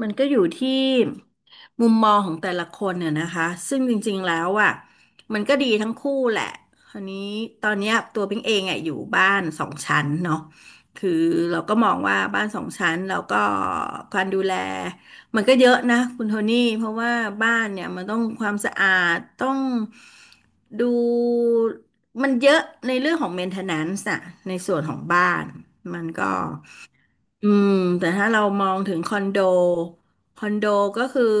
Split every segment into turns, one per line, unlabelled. มันก็อยู่ที่มุมมองของแต่ละคนเนี่ยนะคะซึ่งจริงๆแล้วอ่ะมันก็ดีทั้งคู่แหละคราวนี้ตอนเนี้ยตัวพิงเองอ่ะอยู่บ้านสองชั้นเนาะคือเราก็มองว่าบ้านสองชั้นแล้วก็การดูแลมันก็เยอะนะคุณโทนี่เพราะว่าบ้านเนี่ยมันต้องความสะอาดต้องดูมันเยอะในเรื่องของ maintenance อะในส่วนของบ้านมันก็ อืมแต่ถ้าเรามองถึงคอนโดคอนโดก็คือ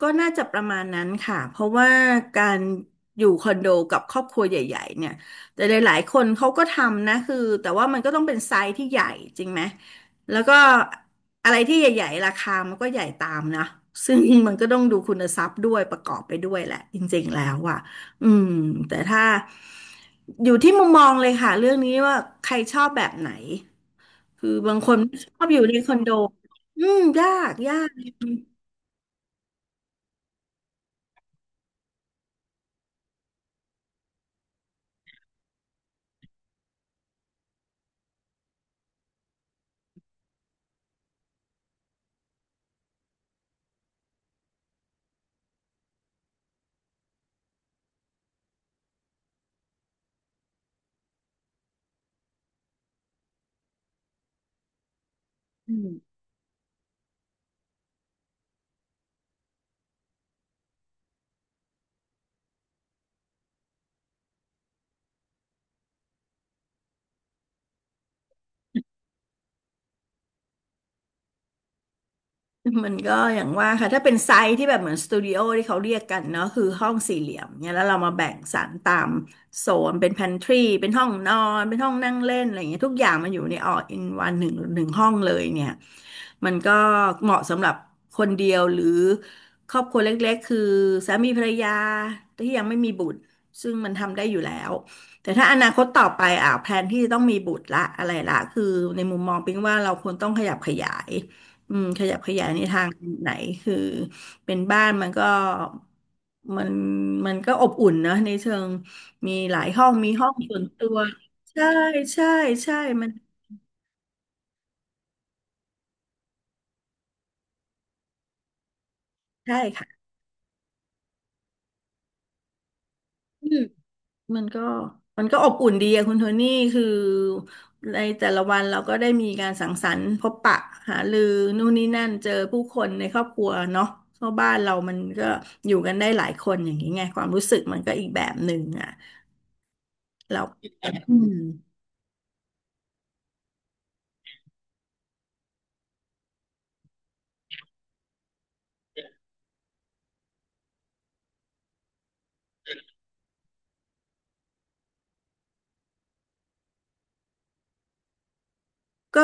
ก็น่าจะประมาณนั้นค่ะเพราะว่าการอยู่คอนโดกับครอบครัวใหญ่ๆเนี่ยแต่หลายๆคนเขาก็ทำนะคือแต่ว่ามันก็ต้องเป็นไซส์ที่ใหญ่จริงไหมแล้วก็อะไรที่ใหญ่ๆราคามันก็ใหญ่ตามนะซึ่งมันก็ต้องดูคุณทรัพย์ด้วยประกอบไปด้วยแหละจริงๆแล้วอ่ะอืมแต่ถ้าอยู่ที่มุมมองเลยค่ะเรื่องนี้ว่าใครชอบแบบไหน คือบางคนไม่ชอบอยู่ในคอนโดอืม ยาก ยากอืม มันก็อย่างว่าค่ะถ้าเป็นไซส์ที่แบบเหมือนสตูดิโอที่เขาเรียกกันเนาะคือห้องสี่เหลี่ยมเนี่ยแล้วเรามาแบ่งสรรตามโซนเป็น pantryเป็นห้องนอนเป็นห้องนั่งเล่นอะไรอย่างเงี้ยทุกอย่างมันอยู่ในall-in-oneหนึ่งหนึ่งห้องเลยเนี่ยมันก็เหมาะสำหรับคนเดียวหรือครอบครัวเล็กๆคือสามีภรรยาที่ยังไม่มีบุตรซึ่งมันทำได้อยู่แล้วแต่ถ้าอนาคตต่อไปอ่ะแพลนที่จะต้องมีบุตรละอะไรละคือในมุมมองปิ๊งว่าเราควรต้องขยับขยาย อืมขยับขยายในทางไหนคือเป็นบ้านมันก็มันมันก็อบอุ่นนะในเชิงมีหลายห้องมีห้องส่วนตัวใช่ใช่ใช่มันใช่ค่ะอืมมันก็มันก็อบอุ่นดีอะคุณโทนี่คือในแต่ละวันเราก็ได้มีการสังสรรค์พบปะหารือนู่นนี่นั่นเจอผู้คนในครอบครัวเนาะเพราะบ้านเรามันก็อยู่กันได้หลายคนอย่างนี้ไงความรู้สึกมันก็อีกแบบหนึ่งอะเราอืม ก็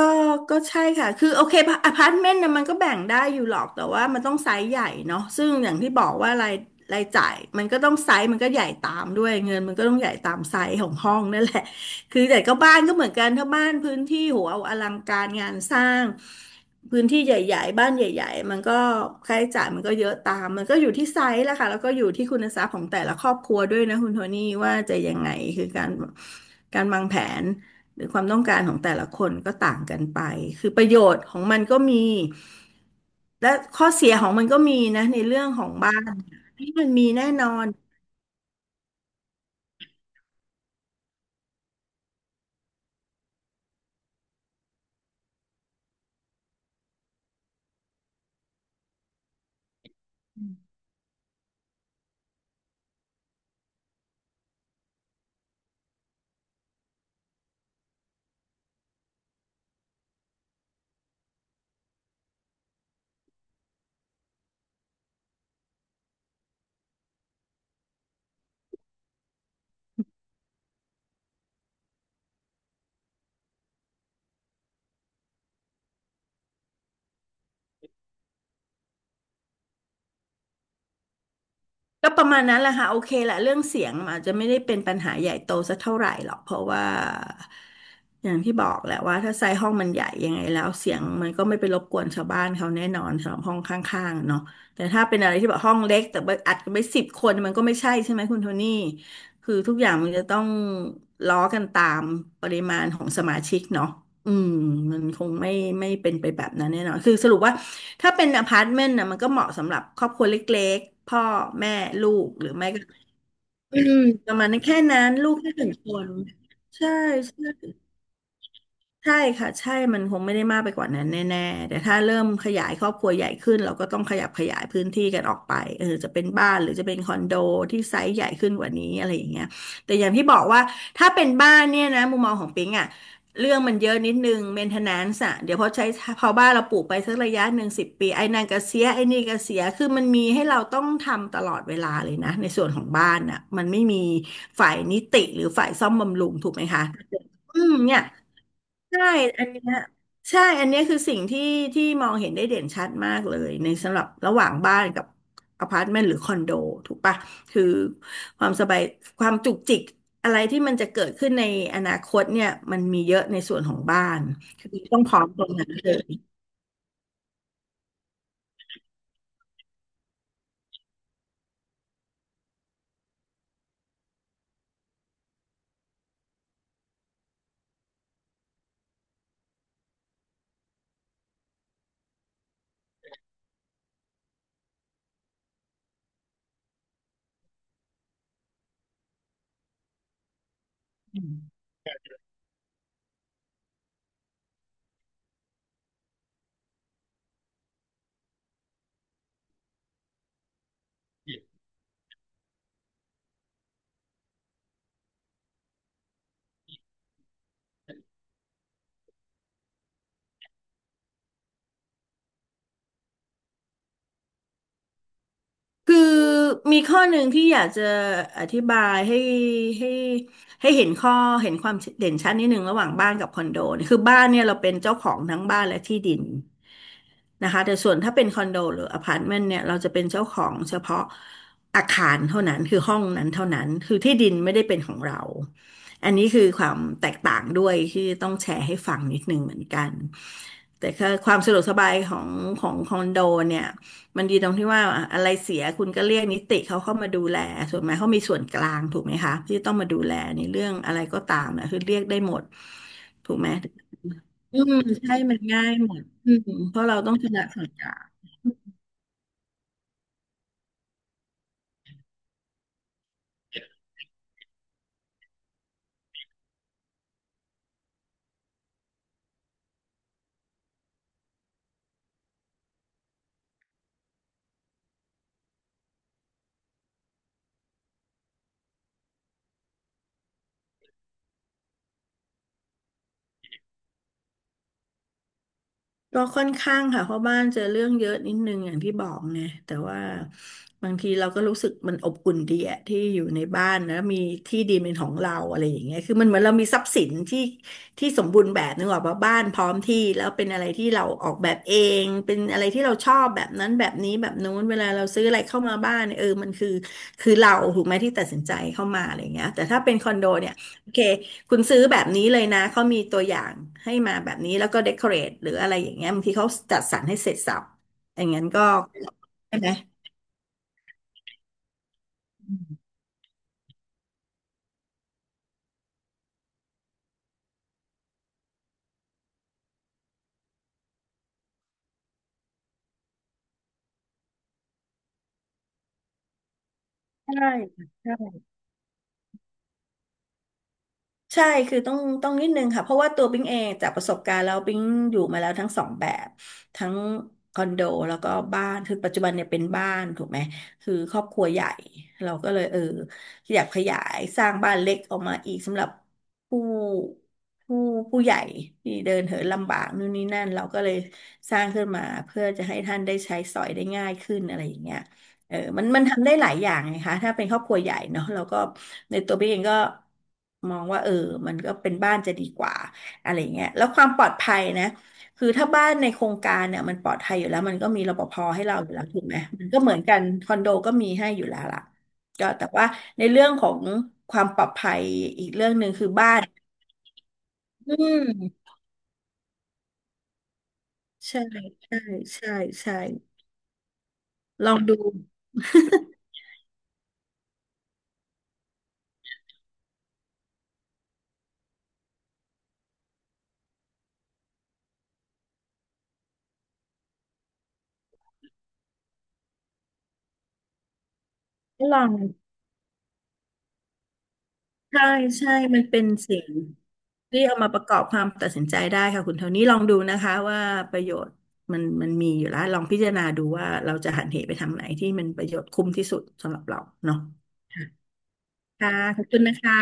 ก็ใช่ค่ะ คือโอเคอพาร์ตเมนต์นะมันก็แบ่งได้อยู่หรอกแต่ว่ามันต้องไซส์ใหญ่เนาะซึ่งอย่างที่บอกว่ารายจ่ายมันก็ต้องไซส์มันก็ใหญ่ตามด้วยเงินมันก็ต้องใหญ่ตามไซส์ของห้องนั่นแหละคือแต่ก็บ้านก็เหมือนกันถ้าบ้านพื้นที่โหเอาอลังการงานสร้างพื้นที่ใหญ่ๆบ้านใหญ่ๆมันก็ค่าใช้จ่ายมันก็เยอะตามมันก็อยู่ที่ไซส์แหละค่ะแล้วก็อยู่ที่คุณทรัพย์ของแต่ละครอบครัวด้วยนะคุณโทนี่ว่าจะยังไงคือการวางแผน หรือความต้องการของแต่ละคนก็ต่างกันไปคือประโยชน์ของมันก็มีและข้อเสียของมันก็มีนะในเรื่องของบ้านที่มันมีแน่นอนก็ประมาณนั้นแหละค่ะโอเคแหละเรื่องเสียงอาจจะไม่ได้เป็นปัญหาใหญ่โตสักเท่าไหร่หรอกเพราะว่าอย่างที่บอกแหละว่าถ้าไซส์ห้องมันใหญ่ยังไงแล้วเสียงมันก็ไม่ไปรบกวนชาวบ้านเขาแน่นอนสำหรับห้องข้างๆเนาะแต่ถ้าเป็นอะไรที่แบบห้องเล็กแต่ว่าอัดกันไป10 คนมันก็ไม่ใช่ใช่ไหมคุณโทนี่ คือทุกอย่างมันจะต้องล้อกันตามปริมาณของสมาชิกเนาะอืมมันคงไม่เป็นไปแบบนั้นแน่นอนคือสรุปว่าถ้าเป็นอพาร์ตเมนต์นะมันก็เหมาะสำหรับครอบครัวเล็กๆพ่อแม่ลูกหรือไม่ก็อืมประมาณนั้นแค่นั้นลูกแค่หนึ่งคนใช่ใช่ ใช่ค่ะใช่มันคงไม่ได้มากไปกว่านั้นแน่ๆแต่ถ้าเริ่มขยายครอบครัวใหญ่ขึ้นเราก็ต้องขยับขยายพื้นที่กันออกไปเออจะเป็นบ้านหรือจะเป็นคอนโดที่ไซส์ใหญ่ขึ้นกว่านี้อะไรอย่างเงี้ยแต่อย่างที่บอกว่าถ้าเป็นบ้านเนี่ยนะมุมมองของปิงอ่ะเรื่องมันเยอะนิดนึงเมนเทนแนนซ์อ่ะเดี๋ยวพอบ้านเราปลูกไปสักระยะหนึ่ง10 ปีไอ้นั่นก็เสียไอ้นี่ก็เสียคือมันมีให้เราต้องทำตลอดเวลาเลยนะในส่วนของบ้านอ่ะมันไม่มีฝ่ายนิติหรือฝ่ายซ่อมบำรุงถูกไหมคะอืมเนี่ย ใช่ อันเนี้ยใช่อันเนี้ยคือสิ่งที่มองเห็นได้เด่นชัดมากเลยในสำหรับระหว่างบ้านกับอพาร์ตเมนต์หรือคอนโดถูกปะคือความสบายความจุกจิกอะไรที่มันจะเกิดขึ้นในอนาคตเนี่ยมันมีเยอะในส่วนของบ้านคือต้องพร้อมตรงนั้นเลย คือมีข้อหนึ่งที่อยากจะอธิบายให้ให้เห็นเห็นความเด่นชัดนิดหนึ่งระหว่างบ้านกับคอนโดเนี่ยคือบ้านเนี่ยเราเป็นเจ้าของทั้งบ้านและที่ดินนะคะแต่ส่วนถ้าเป็นคอนโดหรืออพาร์ตเมนต์เนี่ยเราจะเป็นเจ้าของเฉพาะอาคารเท่านั้นคือห้องนั้นเท่านั้นคือที่ดินไม่ได้เป็นของเราอันนี้คือความแตกต่างด้วยที่ต้องแชร์ให้ฟังนิดหนึ่งเหมือนกันแต่ก็ความสะดวกสบายของคอนโดเนี่ย มันดีตรงที่ว่าอะไรเสียคุณก็เรียกนิติเขาเข้ามาดูแลส่วนไหมเขามีส่วนกลางถูกไหมคะที่ต้องมาดูแลในเรื่องอะไรก็ตามนะคือเรียกได้หมดถูกไหมอืมใช่มันง่ายหมดอืมเพราะเราต้องชนะส่วนกลาง ก็ค่อนข้างค่ะเพราะบ้านเจอเรื่องเยอะนิดนึงอย่างที่บอกไงแต่ว่าบางทีเราก็รู้สึกมันอบอุ่นดีอะที่อยู่ในบ้านนะมีที่ดินเป็นของเราอะไรอย่างเงี้ยคือมันเหมือนเรามีทรัพย์สินที่สมบูรณ์แบบนึกออกปะบ้านพร้อมที่แล้วเป็นอะไรที่เราออกแบบเองเป็นอะไรที่เราชอบแบบนั้นแบบนี้แบบนู้นเวลาเราซื้ออะไรเข้ามาบ้านเนี่ยเออมันคือคือเราถูกไหมที่ตัดสินใจเข้ามาอะไรอย่างเงี้ยแต่ถ้าเป็นคอนโดเนี่ยโอเค คุณซื้อแบบนี้เลยนะ เขามีตัวอย่างให้มาแบบนี้แล้วก็เดคอเรทหรืออะไรอย่างเงี้ยบางทีเขาจัดสรรให้เสร็จสรรพอย่างนั้นก็ใช่ไหมใช่ใช่ ใช่คือต้องนิดนึงค่ะเพราะว่าตัวปิ๊งเองจากประสบการณ์แล้วปิ๊งอยู่มาแล้วทั้งสองแบบทั้งคอนโดแล้วก็บ้านคือปัจจุบันเนี่ยเป็นบ้านถูกไหมคือครอบครัวใหญ่เราก็เลยเอออยากขยายสร้างบ้านเล็กออกมาอีกสำหรับผู้ผู้ผู้ใหญ่ที่เดินเหินลำบากนู่นนี่นั่นเราก็เลยสร้างขึ้นมาเพื่อจะให้ท่านได้ใช้สอยได้ง่ายขึ้นอะไรอย่างเงี้ย เออมันทำได้หลายอย่างไงคะถ้าเป็นครอบครัวใหญ่เนาะแล้วก็ในตัวพี่เองก็มองว่าเออมันก็เป็นบ้านจะดีกว่าอะไรเงี้ยแล้วความปลอดภัยนะคือถ้าบ้านในโครงการเนี่ยมันปลอดภัยอยู่แล้วมันก็มีรปภให้เราอยู่แล้วถูกไหมมันก็เหมือนกันคอนโดก็มีให้อยู่แล้วล่ะก็แต่ว่าในเรื่องของความปลอดภัยอีกเรื่องหนึ่งคือบ้านอืมใช่ใช่ใช่ใช่ลองดู ลอง ใช่ใช่ มันเป็นสิ่งที่เอามาประกอบความตัดสินใจได้ค่ะคุณเท่านี้ลองดูนะคะว่าประโยชน์มันมีอยู่แล้วลองพิจารณาดูว่าเราจะหันเหไปทางไหนที่มันประโยชน์คุ้มที่สุดสำหรับเราเนาะค่ะขอบคุณนะคะ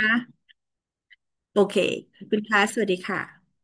โอเคขอบคุณค่ะสวัสดีค่ะ